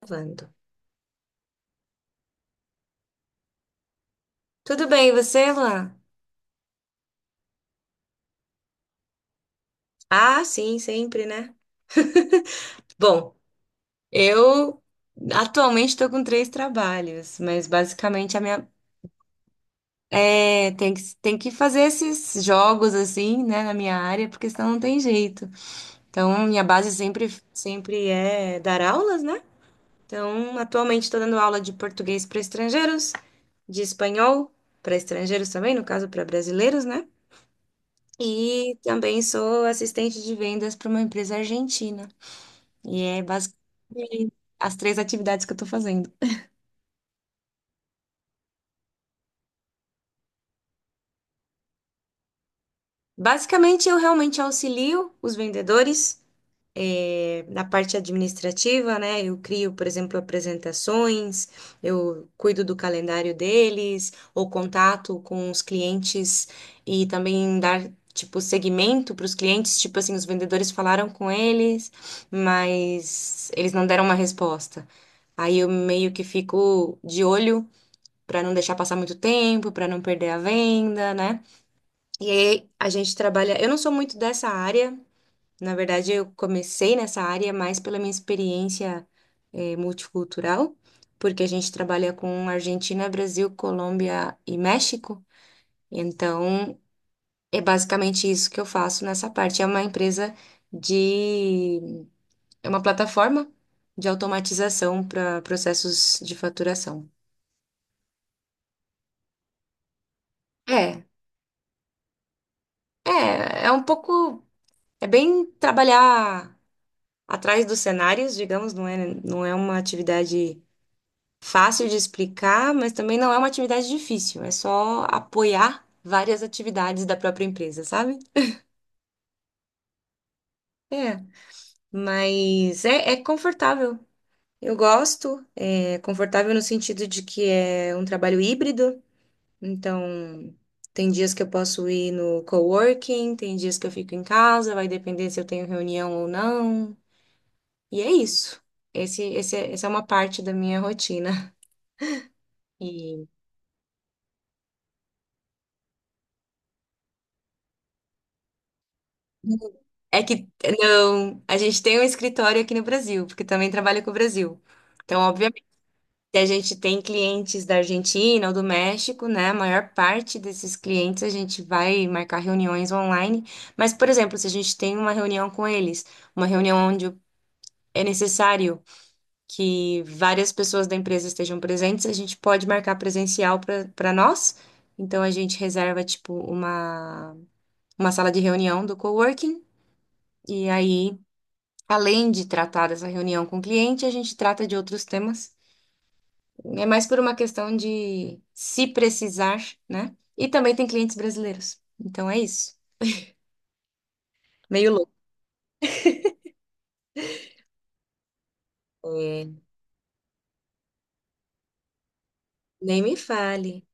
Gravando. Tudo bem, e você, Luan? Ah, sim, sempre, né? Bom, eu atualmente estou com três trabalhos, mas basicamente a minha é, tem que fazer esses jogos assim, né, na minha área, porque senão não tem jeito. Então, minha base sempre é dar aulas, né? Então, atualmente estou dando aula de português para estrangeiros, de espanhol para estrangeiros também, no caso para brasileiros, né? E também sou assistente de vendas para uma empresa argentina. E é basicamente as três atividades que eu estou fazendo. Basicamente, eu realmente auxilio os vendedores na parte administrativa, né? Eu crio, por exemplo, apresentações, eu cuido do calendário deles, ou contato com os clientes e também dar, tipo, segmento para os clientes. Tipo assim, os vendedores falaram com eles, mas eles não deram uma resposta. Aí eu meio que fico de olho para não deixar passar muito tempo, para não perder a venda, né? E aí a gente trabalha. Eu não sou muito dessa área, na verdade, eu comecei nessa área mais pela minha experiência multicultural, porque a gente trabalha com Argentina, Brasil, Colômbia e México. Então, é basicamente isso que eu faço nessa parte. É uma empresa de. É uma plataforma de automatização para processos de faturação. É, é, é um pouco. É bem trabalhar atrás dos cenários, digamos, não é uma atividade fácil de explicar, mas também não é uma atividade difícil, é só apoiar várias atividades da própria empresa, sabe? É, mas é confortável. Eu gosto, é confortável no sentido de que é um trabalho híbrido, então tem dias que eu posso ir no coworking, tem dias que eu fico em casa, vai depender se eu tenho reunião ou não. E é isso. Essa é uma parte da minha rotina. E é que, não, a gente tem um escritório aqui no Brasil, porque também trabalha com o Brasil. Então, obviamente, a gente tem clientes da Argentina ou do México, né? A maior parte desses clientes a gente vai marcar reuniões online. Mas, por exemplo, se a gente tem uma reunião com eles, uma reunião onde é necessário que várias pessoas da empresa estejam presentes, a gente pode marcar presencial para nós. Então a gente reserva tipo uma sala de reunião do coworking e aí, além de tratar dessa reunião com o cliente, a gente trata de outros temas. É mais por uma questão de se precisar, né? E também tem clientes brasileiros. Então é isso. Meio louco. É, nem me fale.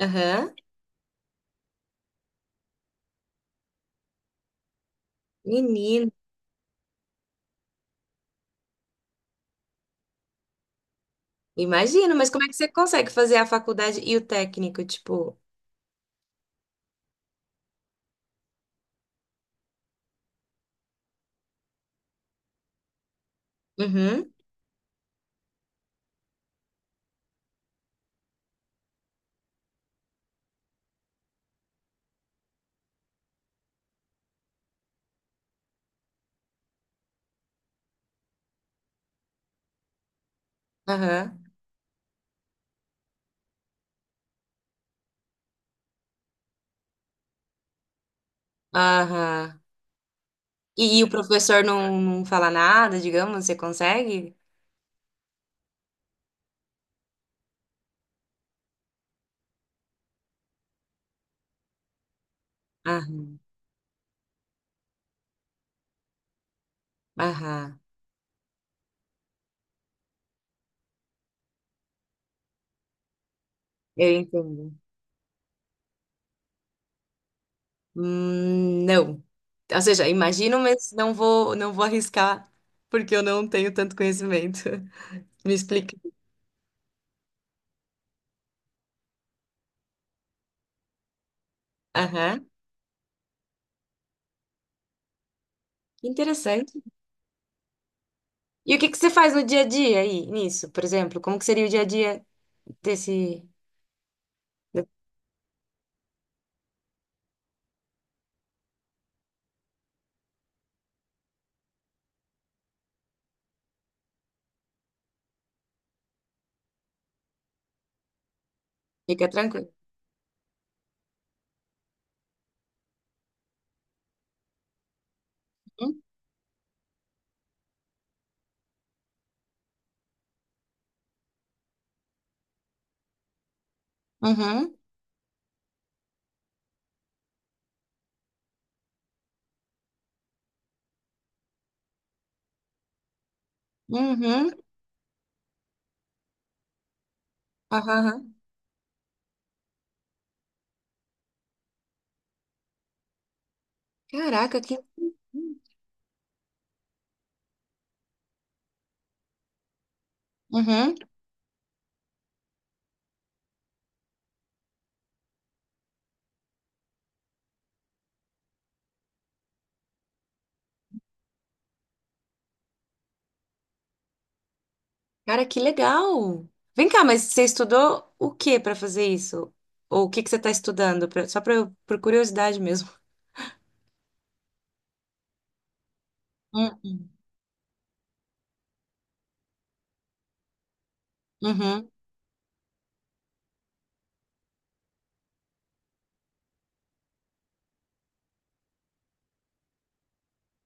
Aham. Menino, imagino, mas como é que você consegue fazer a faculdade e o técnico, tipo, uhum, aham, aham. E o professor não fala nada, digamos, você consegue? Aham, aham, eu entendo. Não. Ou seja, imagino, mas não vou arriscar, porque eu não tenho tanto conhecimento. Me explica. Aham, que interessante. E o que que você faz no dia a dia aí, nisso, por exemplo? Como que seria o dia a dia desse... de- Fica tranquilo. Uhum, uhum, uhum, aham. Aham. Caraca, que... Uhum. Cara, que legal! Vem cá, mas você estudou o que para fazer isso? Ou o que que você está estudando? Só pra, por curiosidade mesmo. Uhum. Uhum.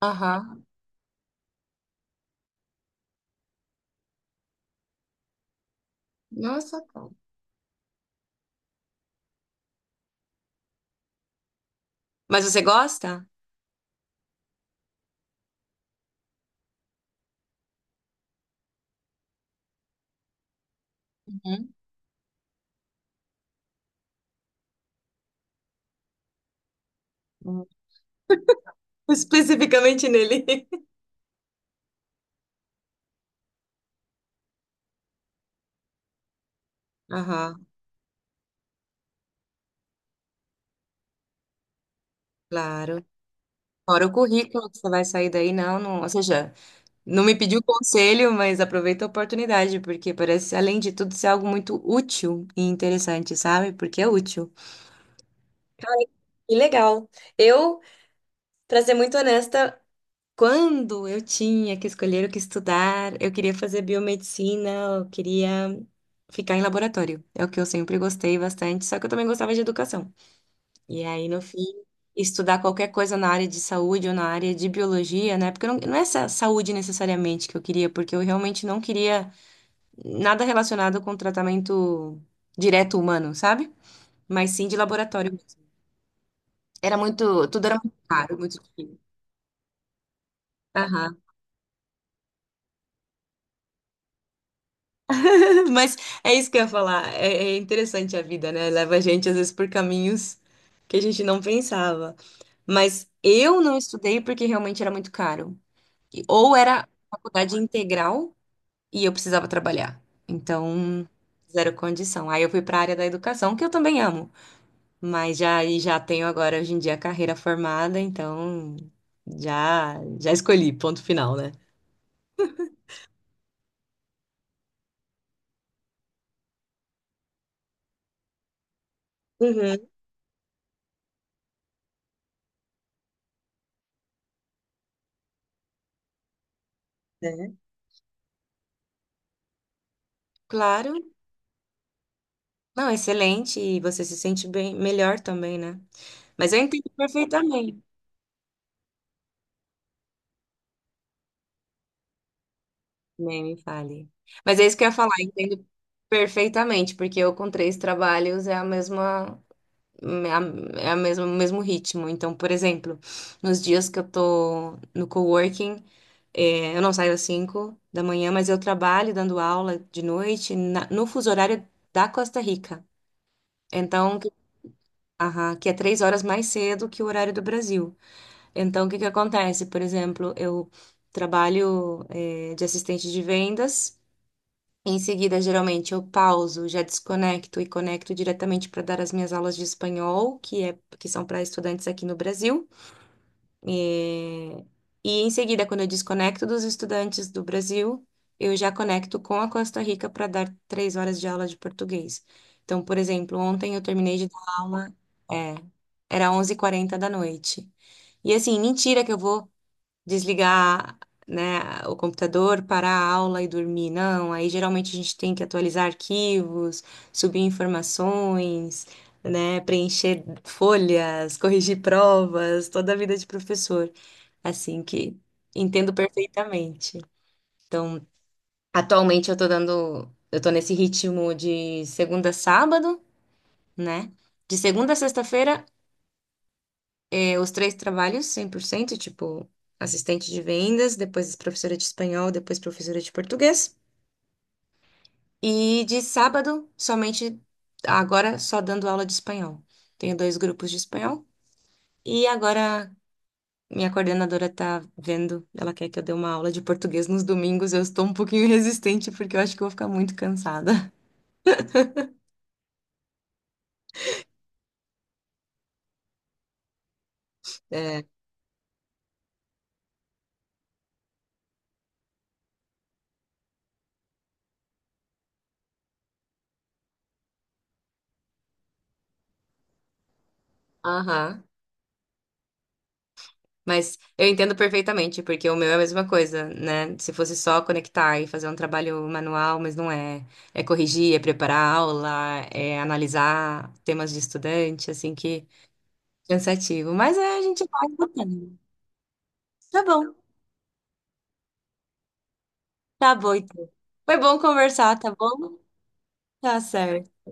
Aham. Nossa, cara. Mas você gosta? Uhum. Uhum. Especificamente nele. Aham, claro. Fora o currículo que você vai sair daí, não, não. Ou seja, não me pediu conselho, mas aproveita a oportunidade, porque parece, além de tudo, ser algo muito útil e interessante, sabe? Porque é útil. Que legal. Eu, pra ser muito honesta, quando eu tinha que escolher o que estudar, eu queria fazer biomedicina, eu queria ficar em laboratório. É o que eu sempre gostei bastante, só que eu também gostava de educação. E aí, no fim, estudar qualquer coisa na área de saúde ou na área de biologia, né? Porque não é essa saúde necessariamente que eu queria, porque eu realmente não queria nada relacionado com tratamento direto humano, sabe? Mas sim de laboratório mesmo. Era muito, tudo era muito caro, muito difícil. Mas é isso que eu ia falar. É, é interessante a vida, né? Leva a gente, às vezes, por caminhos que a gente não pensava. Mas eu não estudei porque realmente era muito caro. Ou era faculdade integral e eu precisava trabalhar. Então, zero condição. Aí eu fui para a área da educação, que eu também amo. E já tenho agora, hoje em dia, a carreira formada. Então, já, já escolhi, ponto final, né? Uhum, né? Claro. Não, excelente, e você se sente bem, melhor também, né? Mas eu entendo perfeitamente, nem me fale. Mas é isso que eu ia falar, eu entendo perfeitamente, porque eu com três trabalhos o mesmo ritmo. Então, por exemplo, nos dias que eu tô no coworking, é, eu não saio às 5 da manhã, mas eu trabalho dando aula de noite no fuso horário da Costa Rica. Então, que- aham, que é 3 horas mais cedo que o horário do Brasil. Então, o que que acontece? Por exemplo, eu trabalho, de assistente de vendas. Em seguida, geralmente, eu pauso, já desconecto e conecto diretamente para dar as minhas aulas de espanhol, que é, que são para estudantes aqui no Brasil. Eh, E, em seguida, quando eu desconecto dos estudantes do Brasil, eu já conecto com a Costa Rica para dar 3 horas de aula de português. Então, por exemplo, ontem eu terminei de dar aula, é, era 11h40 da noite. E assim, mentira que eu vou desligar, né, o computador, parar a aula e dormir. Não, aí geralmente a gente tem que atualizar arquivos, subir informações, né, preencher folhas, corrigir provas, toda a vida de professor, assim que entendo perfeitamente. Então, atualmente eu tô nesse ritmo de segunda a sábado, né? De segunda a sexta-feira. É. Os três trabalhos, 100%, tipo, assistente de vendas, depois professora de espanhol, depois professora de português. E de sábado, somente, agora só dando aula de espanhol. Tenho dois grupos de espanhol. E agora minha coordenadora tá vendo, ela quer que eu dê uma aula de português nos domingos. Eu estou um pouquinho resistente porque eu acho que eu vou ficar muito cansada. É. Aham. Mas eu entendo perfeitamente, porque o meu é a mesma coisa, né? Se fosse só conectar e fazer um trabalho manual, mas não é. É corrigir, é preparar a aula, é analisar temas de estudante, assim que cansativo. Mas é, a gente vai botando. Tá bom, tá bom então. Foi bom conversar, tá bom? Tá certo.